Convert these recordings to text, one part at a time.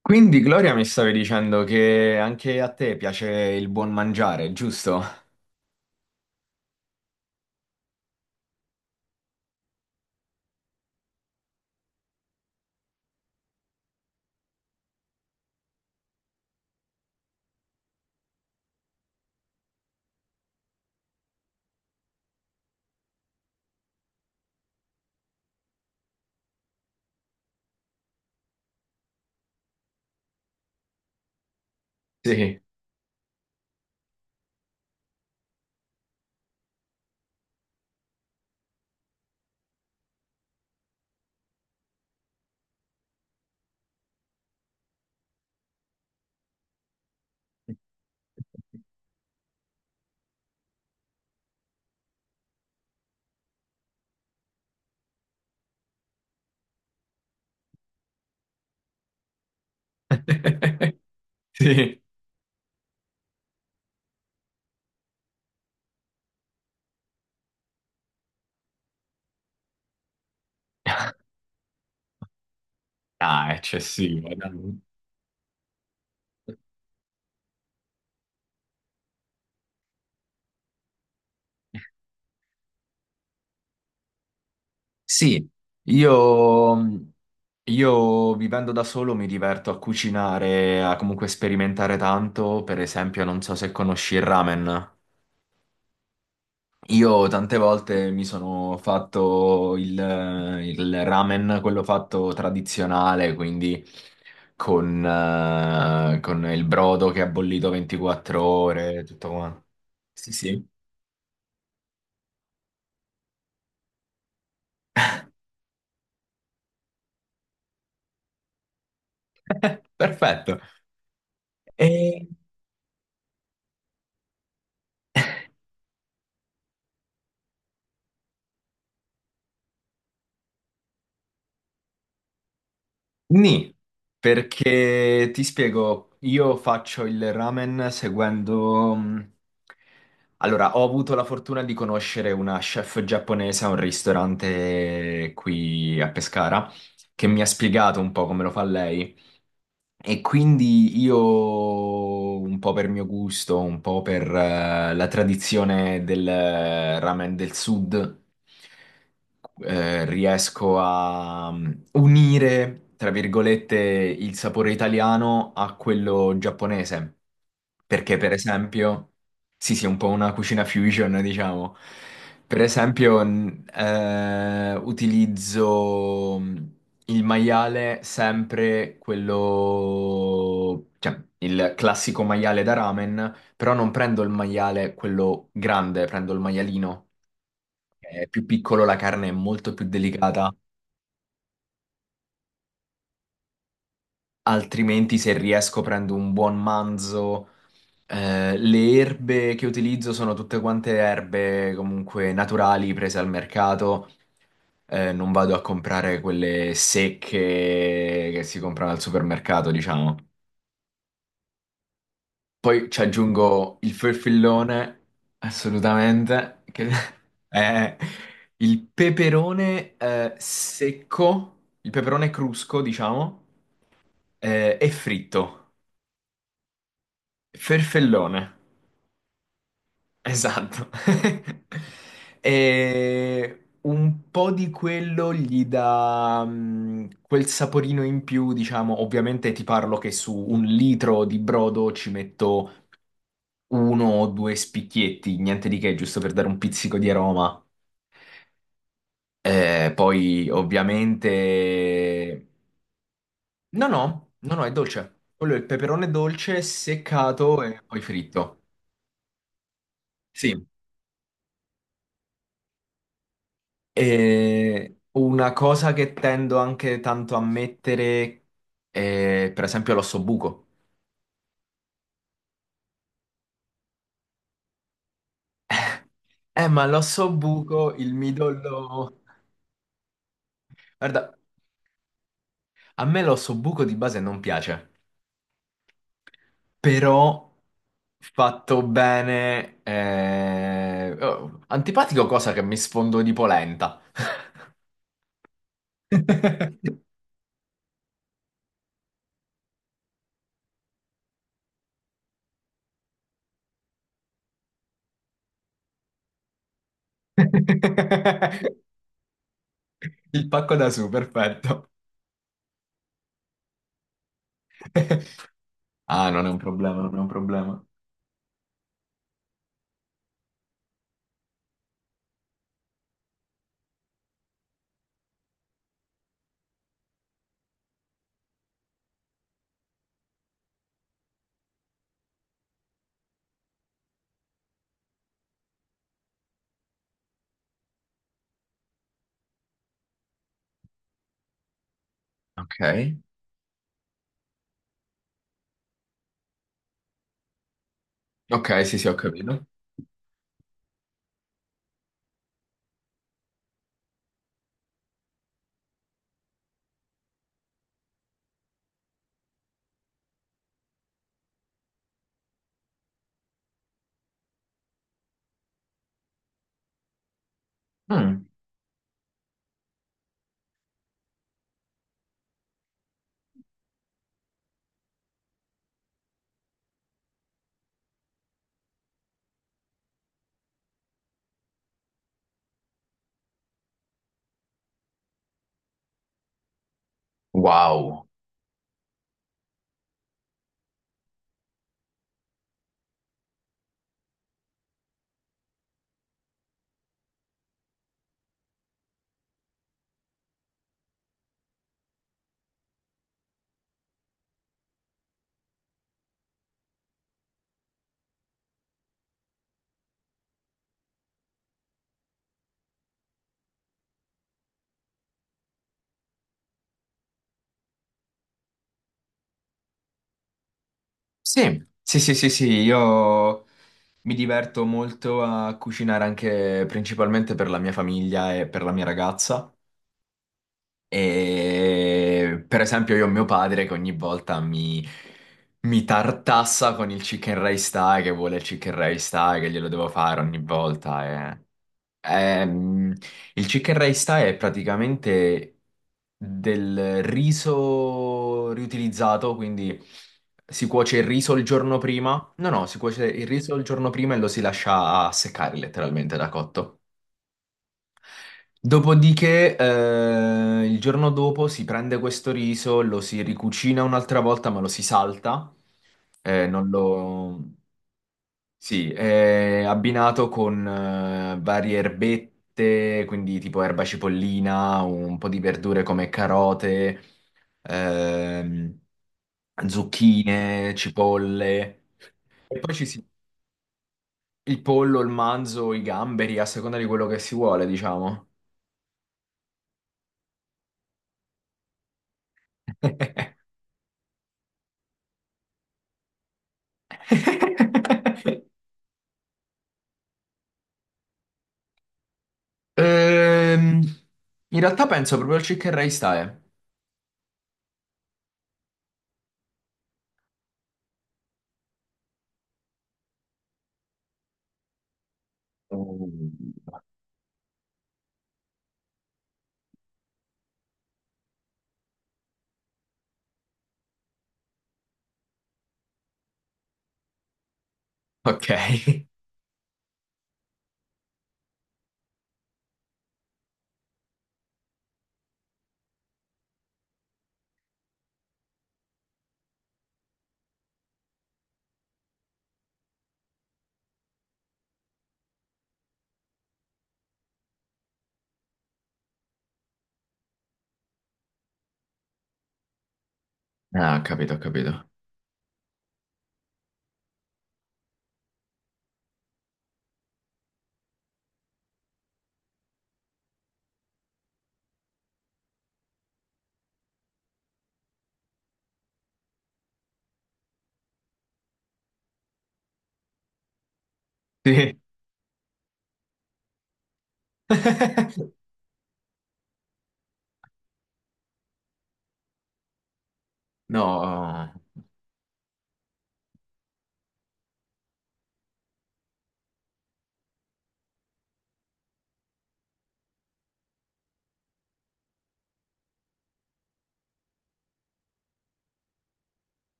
Quindi Gloria mi stavi dicendo che anche a te piace il buon mangiare, giusto? Sì. Sì. Ah, eccessivo, dai. Sì, io, io vivendo da solo mi diverto a cucinare, a comunque sperimentare tanto. Per esempio, non so se conosci il ramen. Io tante volte mi sono fatto il ramen, quello fatto tradizionale, quindi con il brodo che ha bollito 24 ore, tutto quanto. Sì, sì, perfetto. Nì, perché ti spiego, io faccio il ramen seguendo... allora, ho avuto la fortuna di conoscere una chef giapponese a un ristorante qui a Pescara che mi ha spiegato un po' come lo fa lei. E quindi io, un po' per mio gusto, un po' per la tradizione del ramen del sud, riesco a unire, tra virgolette, il sapore italiano a quello giapponese. Perché, per esempio, sì, sì, è un po' una cucina fusion, diciamo. Per esempio, utilizzo il maiale sempre quello, cioè il classico maiale da ramen, però non prendo il maiale quello grande, prendo il maialino, che è più piccolo, la carne è molto più delicata, altrimenti se riesco prendo un buon manzo. Le erbe che utilizzo sono tutte quante erbe comunque naturali prese al mercato. Non vado a comprare quelle secche che si comprano al supermercato, diciamo. Poi ci aggiungo il ferfellone, assolutamente, che è il peperone secco, il peperone crusco, diciamo, e fritto. Ferfellone, esatto. E un po' di quello gli dà quel saporino in più, diciamo, ovviamente ti parlo che su un litro di brodo ci metto uno o due spicchietti, niente di che, giusto per dare un pizzico di aroma. Poi ovviamente... No, no, no, no, è dolce. Quello è il peperone dolce seccato e poi fritto. Sì. E una cosa che tendo anche tanto a mettere è per esempio l'ossobuco. Ma l'ossobuco, il midollo... Guarda, a me l'ossobuco di base non piace. Però fatto bene. Eh, oh, antipatico cosa che mi sfondo di polenta. Il pacco da su, perfetto. Ah, non è un problema, non è un problema. Ok, ok, sì, sì, ho capito. Mm. Wow. Sì, sì, sì, sì, sì, io mi diverto molto a cucinare anche principalmente per la mia famiglia e per la mia ragazza. E per esempio io ho mio padre che ogni volta mi tartassa con il chicken rice thai, che vuole il chicken rice thai, che glielo devo fare ogni volta. E- Ehm, il chicken rice thai è praticamente del riso riutilizzato, quindi si cuoce il riso il giorno prima. No, no, si cuoce il riso il giorno prima e lo si lascia seccare letteralmente da cotto. Dopodiché, il giorno dopo si prende questo riso, lo si ricucina un'altra volta, ma lo si salta. Non lo... Sì, è abbinato con varie erbette, quindi tipo erba cipollina, un po' di verdure come carote, ehm, zucchine, cipolle. E poi ci si... il pollo, il manzo, i gamberi, a seconda di quello che si vuole, diciamo. Ehm, in realtà penso proprio al Chicken Rice Thai. Mm. Ok. Ah, ho capito, ho capito. Sì. No,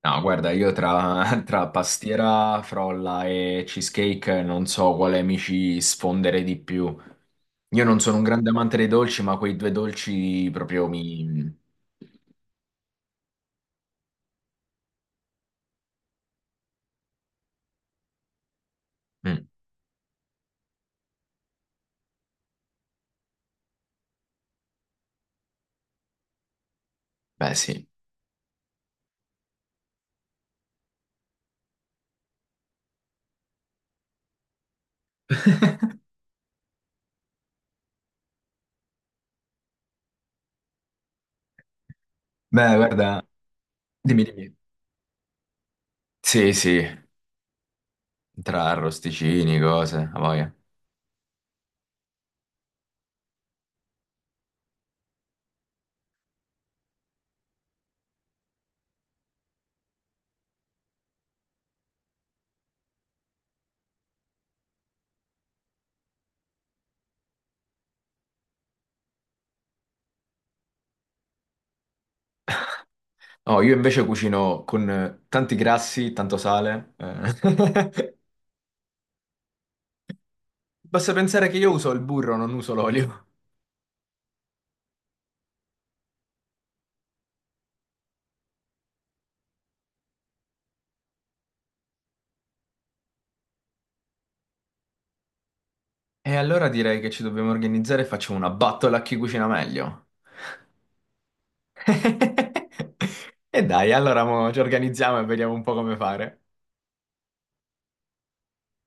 no, guarda, io tra pastiera, frolla e cheesecake non so quale mi ci sfondere di più. Io non sono un grande amante dei dolci, ma quei due dolci proprio mi... Mm, beh, sì. Beh, guarda, dimmi, dimmi. Sì, sì, tra arrosticini, cose, a voglia. Oh, io invece cucino con tanti grassi, tanto sale. Eh. Basta pensare che io uso il burro, non uso l'olio. E allora direi che ci dobbiamo organizzare e facciamo una battola a chi cucina meglio. E dai, allora mo ci organizziamo e vediamo un po' come fare.